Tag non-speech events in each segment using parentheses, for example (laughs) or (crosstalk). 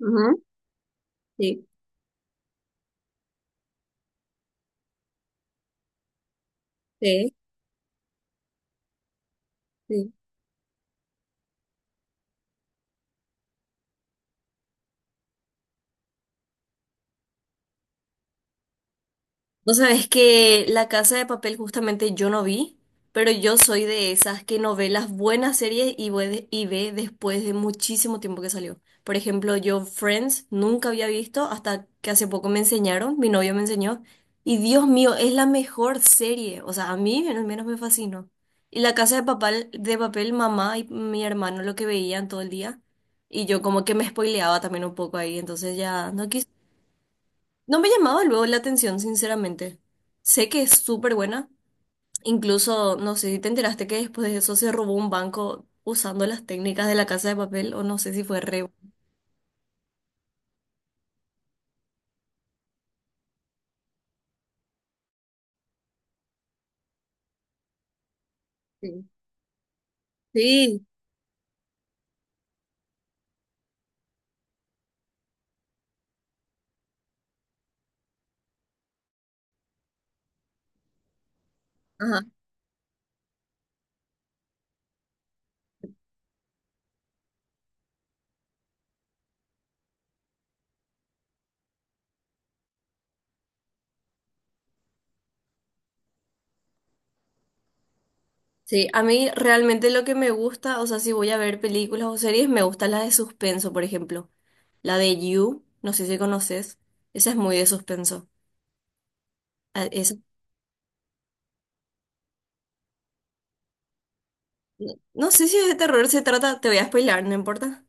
Ujú. Sí, sí, sí. Vos sabés que La Casa de Papel justamente yo no vi, pero yo soy de esas que no ve las buenas series y ve después de muchísimo tiempo que salió. Por ejemplo, yo Friends nunca había visto hasta que hace poco me enseñaron, mi novio me enseñó, y Dios mío, es la mejor serie. O sea, a mí al menos me fascinó. Y La Casa de Papel, mamá y mi hermano lo que veían todo el día. Y yo como que me spoileaba también un poco ahí, entonces ya no quise. No me llamaba luego la atención, sinceramente. Sé que es súper buena. Incluso, no sé si te enteraste que después de eso se robó un banco usando las técnicas de La Casa de Papel, o no sé si fue re. Sí. Sí. Ajá. Sí, a mí realmente lo que me gusta, o sea, si voy a ver películas o series, me gusta la de suspenso, por ejemplo. La de You, no sé si conoces. Esa es muy de suspenso. Ah, esa, no sé si es de terror se trata, te voy a spoilar, no importa.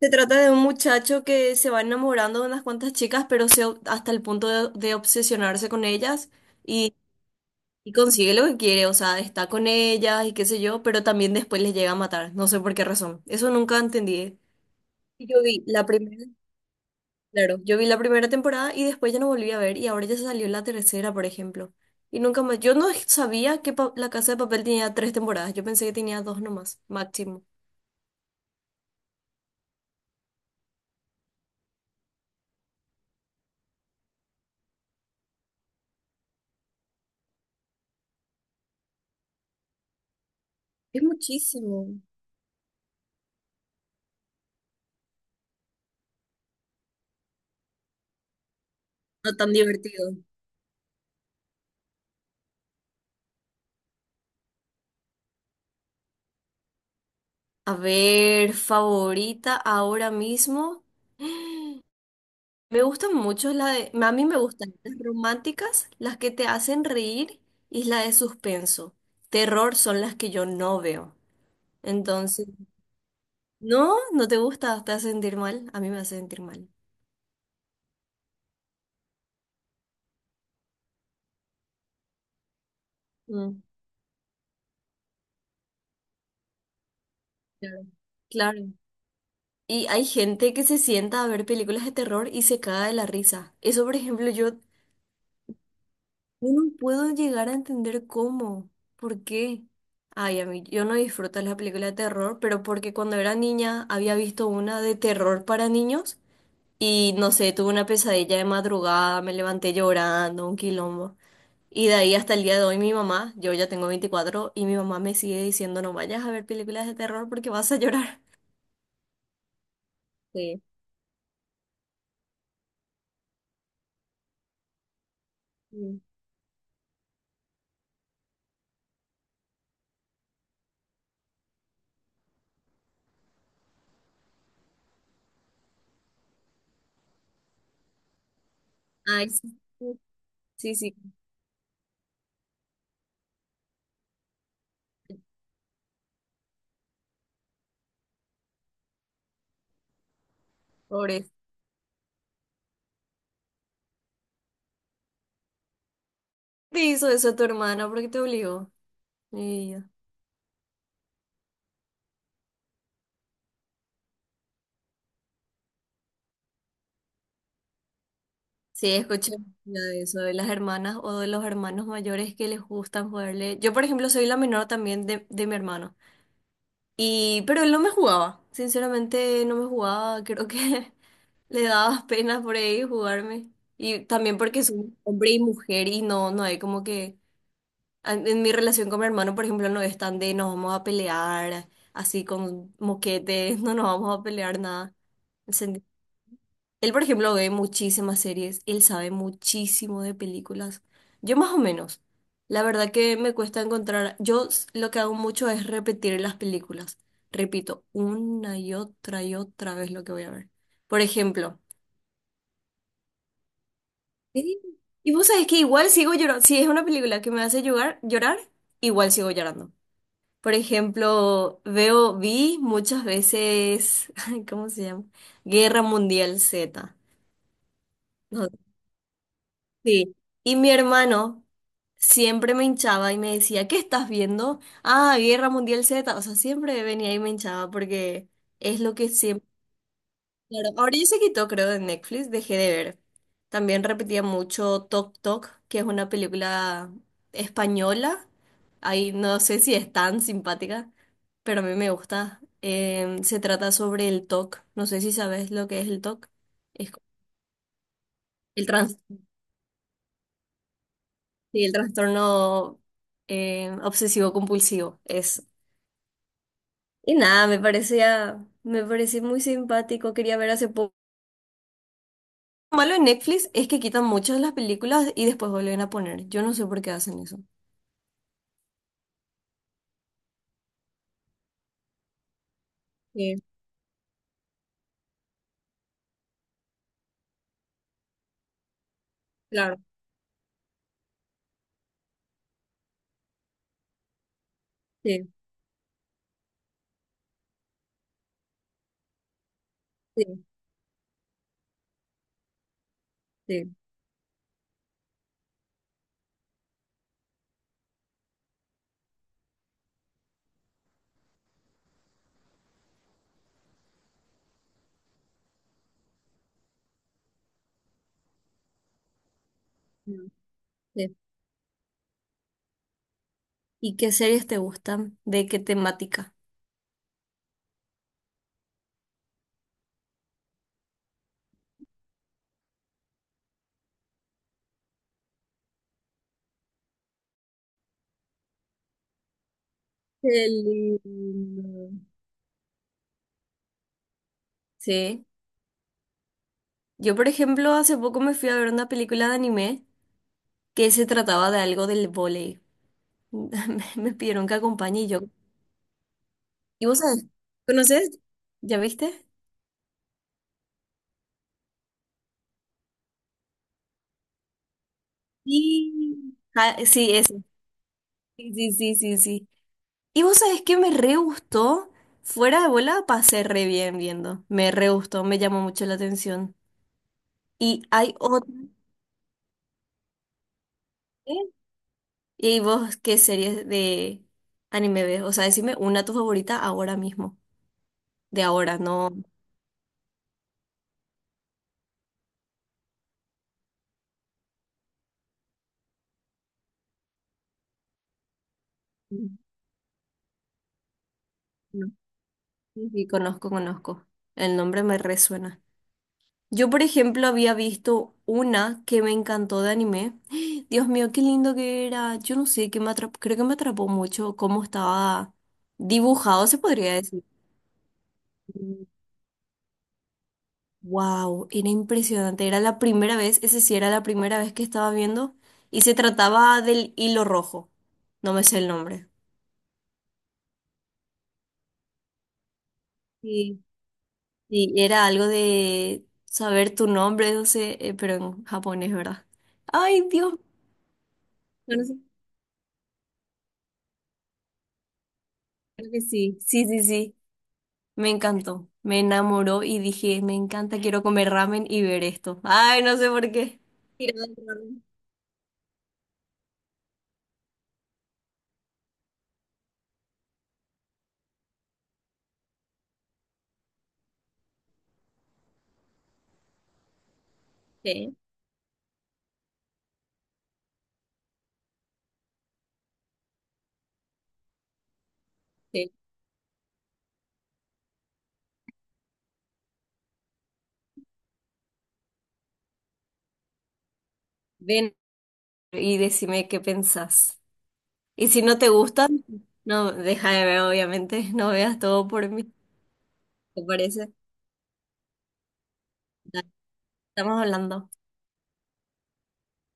Se trata de un muchacho que se va enamorando de unas cuantas chicas, pero hasta el punto de obsesionarse con ellas y, y consigue lo que quiere, o sea, está con ellas y qué sé yo, pero también después les llega a matar, no sé por qué razón. Eso nunca entendí. Y yo vi la primera, claro, yo vi la primera temporada y después ya no volví a ver y ahora ya se salió la tercera, por ejemplo. Y nunca más, yo no sabía que La Casa de Papel tenía tres temporadas, yo pensé que tenía dos nomás, máximo. Es muchísimo. No tan divertido. A ver, favorita ahora mismo. Me gustan mucho a mí me gustan las románticas, las que te hacen reír y la de suspenso. Terror son las que yo no veo. Entonces, no, no te gusta, te hace sentir mal. A mí me hace sentir mal. Mm, claro. Claro. Y hay gente que se sienta a ver películas de terror y se caga de la risa. Eso, por ejemplo, yo. Yo no puedo llegar a entender cómo, por qué. Ay, a mí, yo no disfruto las películas de terror, pero porque cuando era niña había visto una de terror para niños y no sé, tuve una pesadilla de madrugada, me levanté llorando, un quilombo. Y de ahí hasta el día de hoy mi mamá, yo ya tengo 24 y mi mamá me sigue diciendo no vayas a ver películas de terror porque vas a llorar. (laughs) Sí. Mm. Ay, sí. Sí, sí, pobre. Te hizo eso tu hermana porque te obligó. Y sí, escuché mucho de eso, de las hermanas o de los hermanos mayores que les gustan jugarle. Yo, por ejemplo, soy la menor también de mi hermano. Y, pero él no me jugaba. Sinceramente, no me jugaba. Creo que (laughs) le daba pena por ahí jugarme. Y también porque soy hombre y mujer y no, no hay como que... En mi relación con mi hermano, por ejemplo, no es tan de nos vamos a pelear así con moquetes, (laughs) no nos vamos a pelear nada. Él, por ejemplo, ve muchísimas series, él sabe muchísimo de películas. Yo más o menos. La verdad que me cuesta encontrar, lo que hago mucho es repetir las películas. Repito una y otra vez lo que voy a ver. Por ejemplo, sí. Y vos sabés que igual sigo llorando, si es una película que me hace llorar, llorar, igual sigo llorando. Por ejemplo, veo, vi muchas veces, (laughs) ¿cómo se llama? Guerra Mundial Z. No. Sí, y mi hermano siempre me hinchaba y me decía, ¿qué estás viendo? Ah, Guerra Mundial Z, o sea, siempre venía y me hinchaba porque es lo que siempre... Claro, ahora ya se quitó, creo, de Netflix, dejé de ver. También repetía mucho Tok Tok, que es una película española. Ahí no sé si es tan simpática, pero a mí me gusta. Se trata sobre el TOC, no sé si sabes lo que es el TOC. Es el trastorno. Sí, el trastorno obsesivo compulsivo es. Y nada, me parecía muy simpático. Quería ver hace poco. Lo malo en Netflix es que quitan muchas de las películas y después vuelven a poner. Yo no sé por qué hacen eso. Sí, claro. Sí, sí, sí. Mm, sí. ¿Y qué series te gustan? ¿De qué temática? Qué lindo. Sí. Yo, por ejemplo, hace poco me fui a ver una película de anime que se trataba de algo del vóley. (laughs) Me pidieron que acompañe y yo. ¿Y vos sabés? ¿Conoces? ¿Ya viste? Sí. Ah, sí, ese. Sí, sí, sí, sí, sí. ¿Y vos sabés qué me re gustó? Fuera de bola pasé re bien viendo. Me re gustó, me llamó mucho la atención. Y hay otra. ¿Eh? ¿Y vos qué series de anime ves? O sea, decime una tu favorita ahora mismo. De ahora, no. No. Sí, sí, conozco, conozco. El nombre me resuena. Yo, por ejemplo, había visto una que me encantó de anime. (gasps) Dios mío, qué lindo que era. Yo no sé, que me atrapó, creo que me atrapó mucho cómo estaba dibujado, se podría decir. Wow, era impresionante. Era la primera vez, ese sí era la primera vez que estaba viendo. Y se trataba del hilo rojo. No me sé el nombre. Sí. Sí, era algo de saber tu nombre, no sé, pero en japonés, ¿verdad? Ay, Dios. Yo no. Creo que sí. Sí, sí, sí. Me encantó, me enamoró y dije, me encanta, quiero comer ramen y ver esto. Ay, no sé por qué. Tirado al ramen. Sí, sí. Ven y decime qué pensás. Y si no te gustan, no, deja de ver, obviamente, (laughs) no veas todo por mí, ¿te parece? Dale, estamos hablando.